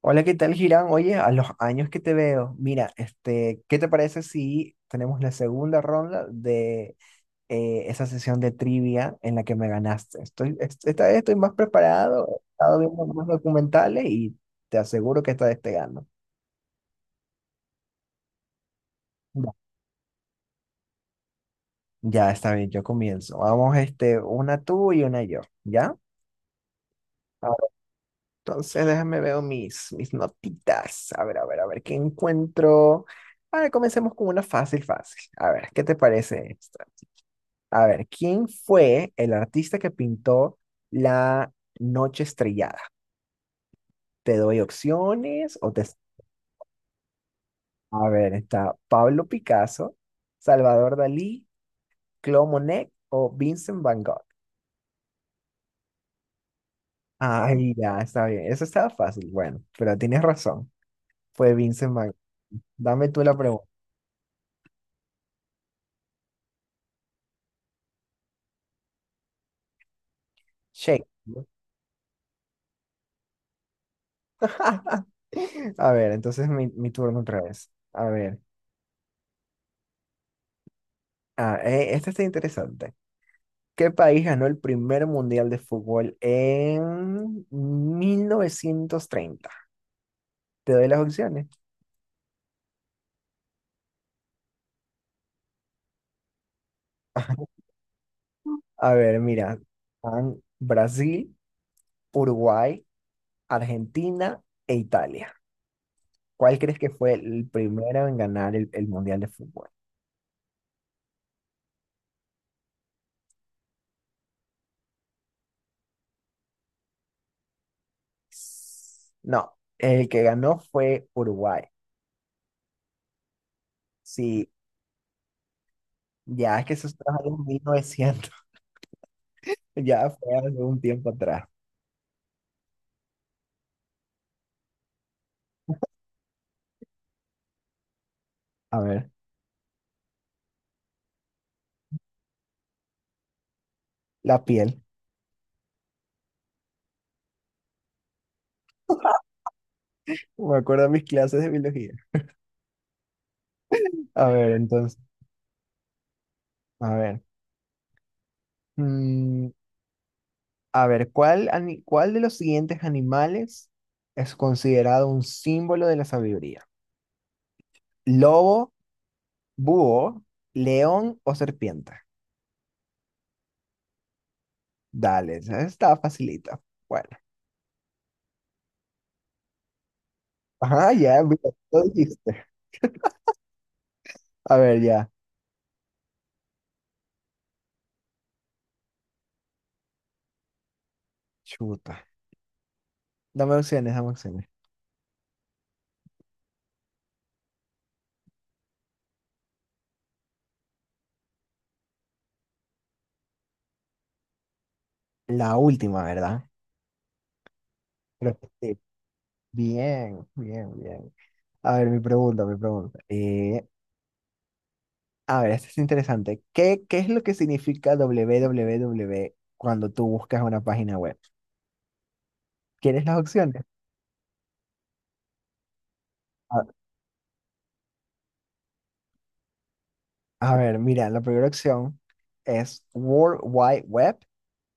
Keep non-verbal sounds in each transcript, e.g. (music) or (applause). Hola, ¿qué tal, Girán? Oye, a los años que te veo, mira, ¿qué te parece si tenemos la segunda ronda de esa sesión de trivia en la que me ganaste? Esta vez estoy más preparado, he estado viendo más documentales y te aseguro que esta vez te gano. Ya, ya, está bien, yo comienzo. Vamos, una tú y una yo, ¿ya? A ver, entonces déjame ver mis notitas. A ver, ¿qué encuentro? A ver, comencemos con una fácil. A ver, ¿qué te parece? A ver, ¿quién fue el artista que pintó La Noche Estrellada? Te doy opciones o te... A ver, está Pablo Picasso, Salvador Dalí, Claude Monet o Vincent Van Gogh. Ay, ya, está bien. Eso estaba fácil. Bueno, pero tienes razón. Fue Vincent Van Gogh. Dame tú la pregunta. Shake. (laughs) A ver, entonces mi turno otra vez. A ver. Este está interesante. Qué país ganó el primer mundial de fútbol en 1930? Te doy las opciones. (laughs) A ver, mira, están Brasil, Uruguay, Argentina e Italia. ¿Cuál crees que fue el primero en ganar el mundial de fútbol? No, el que ganó fue Uruguay. Sí, ya es que eso está en 1900. (laughs) Ya fue hace un tiempo atrás. A ver, la piel. Me acuerdo de mis clases de biología. A ver, entonces. A ver. mm, a ver, ¿ cuál de los siguientes animales es considerado un símbolo de la sabiduría? ¿Lobo, búho, león o serpiente? Dale, esa está facilita. Bueno. Ajá, ya, mira, lo dijiste. A ver, ya. Chuta. Dame opciones, dame opciones. La última, ¿verdad? Creo que sí. Bien. A ver, mi pregunta. A ver, esto es interesante. ¿Qué es lo que significa www cuando tú buscas una página web? ¿Quieres las opciones? A, a ver, mira, la primera opción es World Wide Web,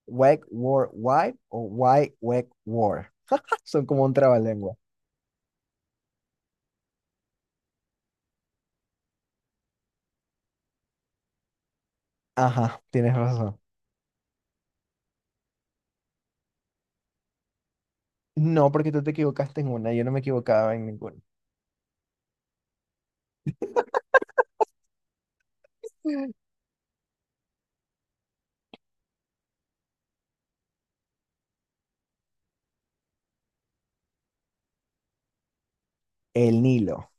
Web World Wide o Wide Web World. (laughs) Son como un trabalengua. Ajá, tienes razón. No, porque tú te equivocaste en una, yo no me equivocaba en ninguna. El Nilo.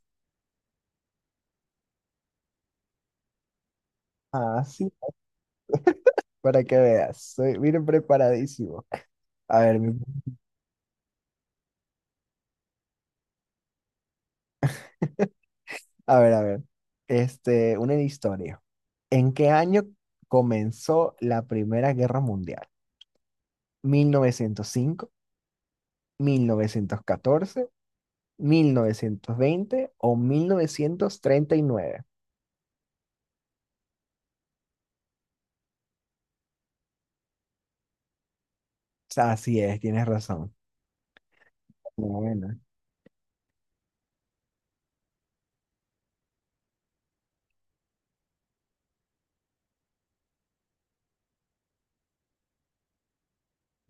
Ah, sí, para que veas. Soy, miren, preparadísimo. A ver, a ver. Este, una historia. ¿En qué año comenzó la Primera Guerra Mundial? ¿Mil novecientos cinco, 1914, 1920 o 1939? Así es, tienes razón. Buena.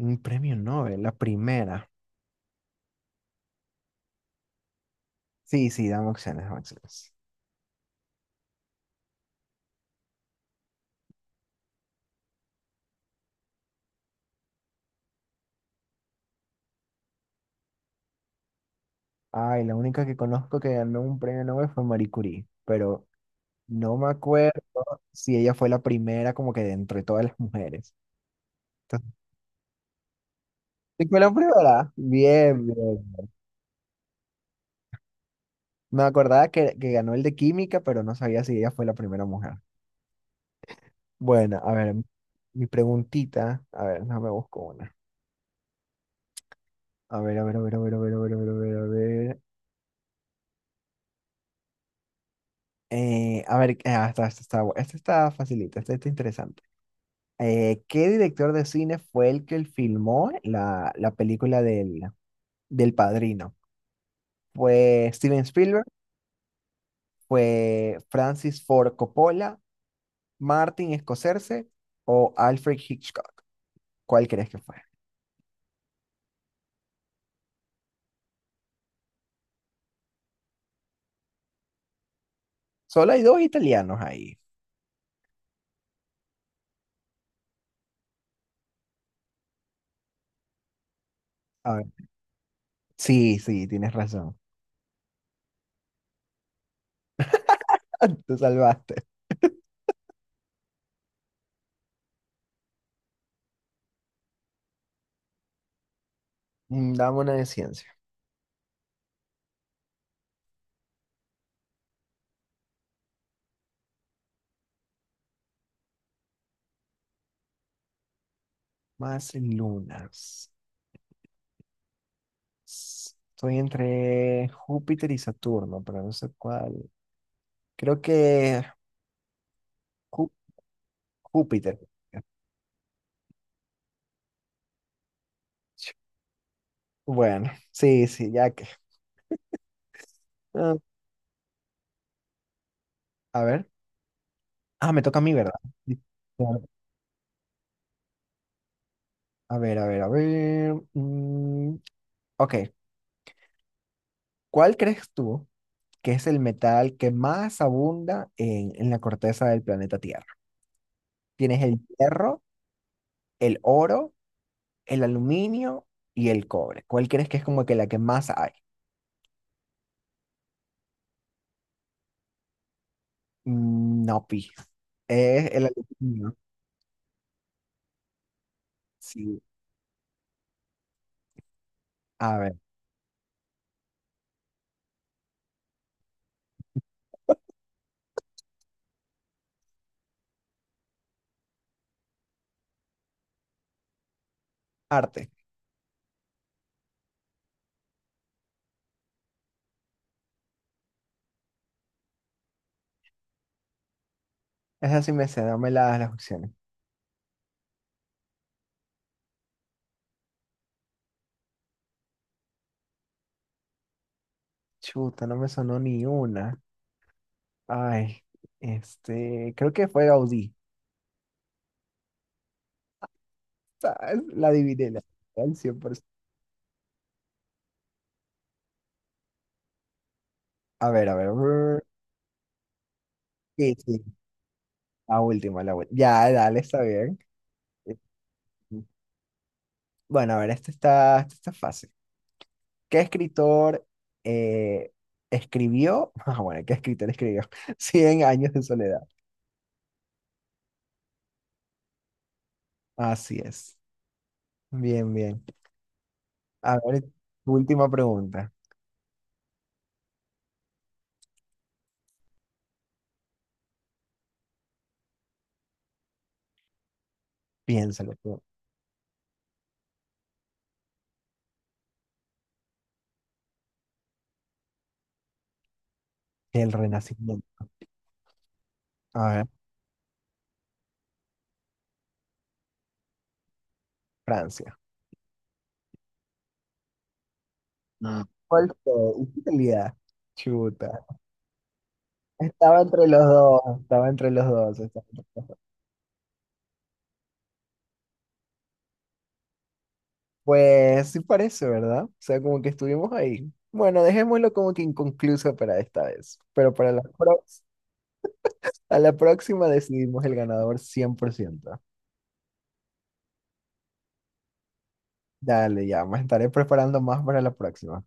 Un premio Nobel, la primera. Sí, sí, dame opciones, dame opciones. Ay, la única que conozco que ganó un premio Nobel fue Marie Curie, pero no me acuerdo si ella fue la primera como que de entre todas las mujeres. Entonces, ¿sí fue la primera? Bien, bien. Me acordaba que ganó el de química, pero no sabía si ella fue la primera mujer. Bueno, a ver, mi preguntita. A ver, no me busco una. A ver, a ver. A ver, esta está facilita, esta está interesante. ¿Qué director de cine fue el que filmó la película del Padrino? ¿Fue Steven Spielberg? ¿Fue Francis Ford Coppola? ¿Martin Scorsese o Alfred Hitchcock? ¿Cuál crees que fue? Solo hay dos italianos ahí. A ver, sí, tienes razón. (laughs) Te salvaste. Mm, dame una de ciencia. Más lunas. Estoy entre Júpiter y Saturno, pero no sé cuál. Creo que Jú- Júpiter. Bueno, sí, sí, ya que. Ah, a ver. Ah, me toca a mí, ¿verdad? Sí, claro. A ver. Ok, ¿cuál crees tú que es el metal que más abunda en, la corteza del planeta Tierra? Tienes el hierro, el oro, el aluminio y el cobre. ¿Cuál crees que es como que la que más hay? No, pi. Es el aluminio. Sí. A ver, arte. Esa sí me sé, dame las opciones. Chuta, no me sonó ni una. Ay, este, creo que fue Gaudí. Ah, la adiviné, la al 100%. A ver. Brr. Sí, sí, la última. Ya, dale, está bien. Eh, Bueno, a ver, esta está fácil. ¿Qué escritor eh, escribió? (laughs) Ah, bueno, ¿qué escritor escribió? (laughs) Cien años de soledad. Así es. Bien, bien. A ver, tu última pregunta. Piénsalo tú. El Renacimiento. A ver, Francia. Mm. ¿Cuál fue? Italia. Chuta. Estaba entre los dos. Estaba entre los dos. Estaba entre los dos. Pues sí parece, ¿verdad? O sea, como que estuvimos ahí. Bueno, dejémoslo como que inconcluso para esta vez. Pero para la próxima. A la próxima decidimos el ganador 100%. Dale, ya me estaré preparando más para la próxima.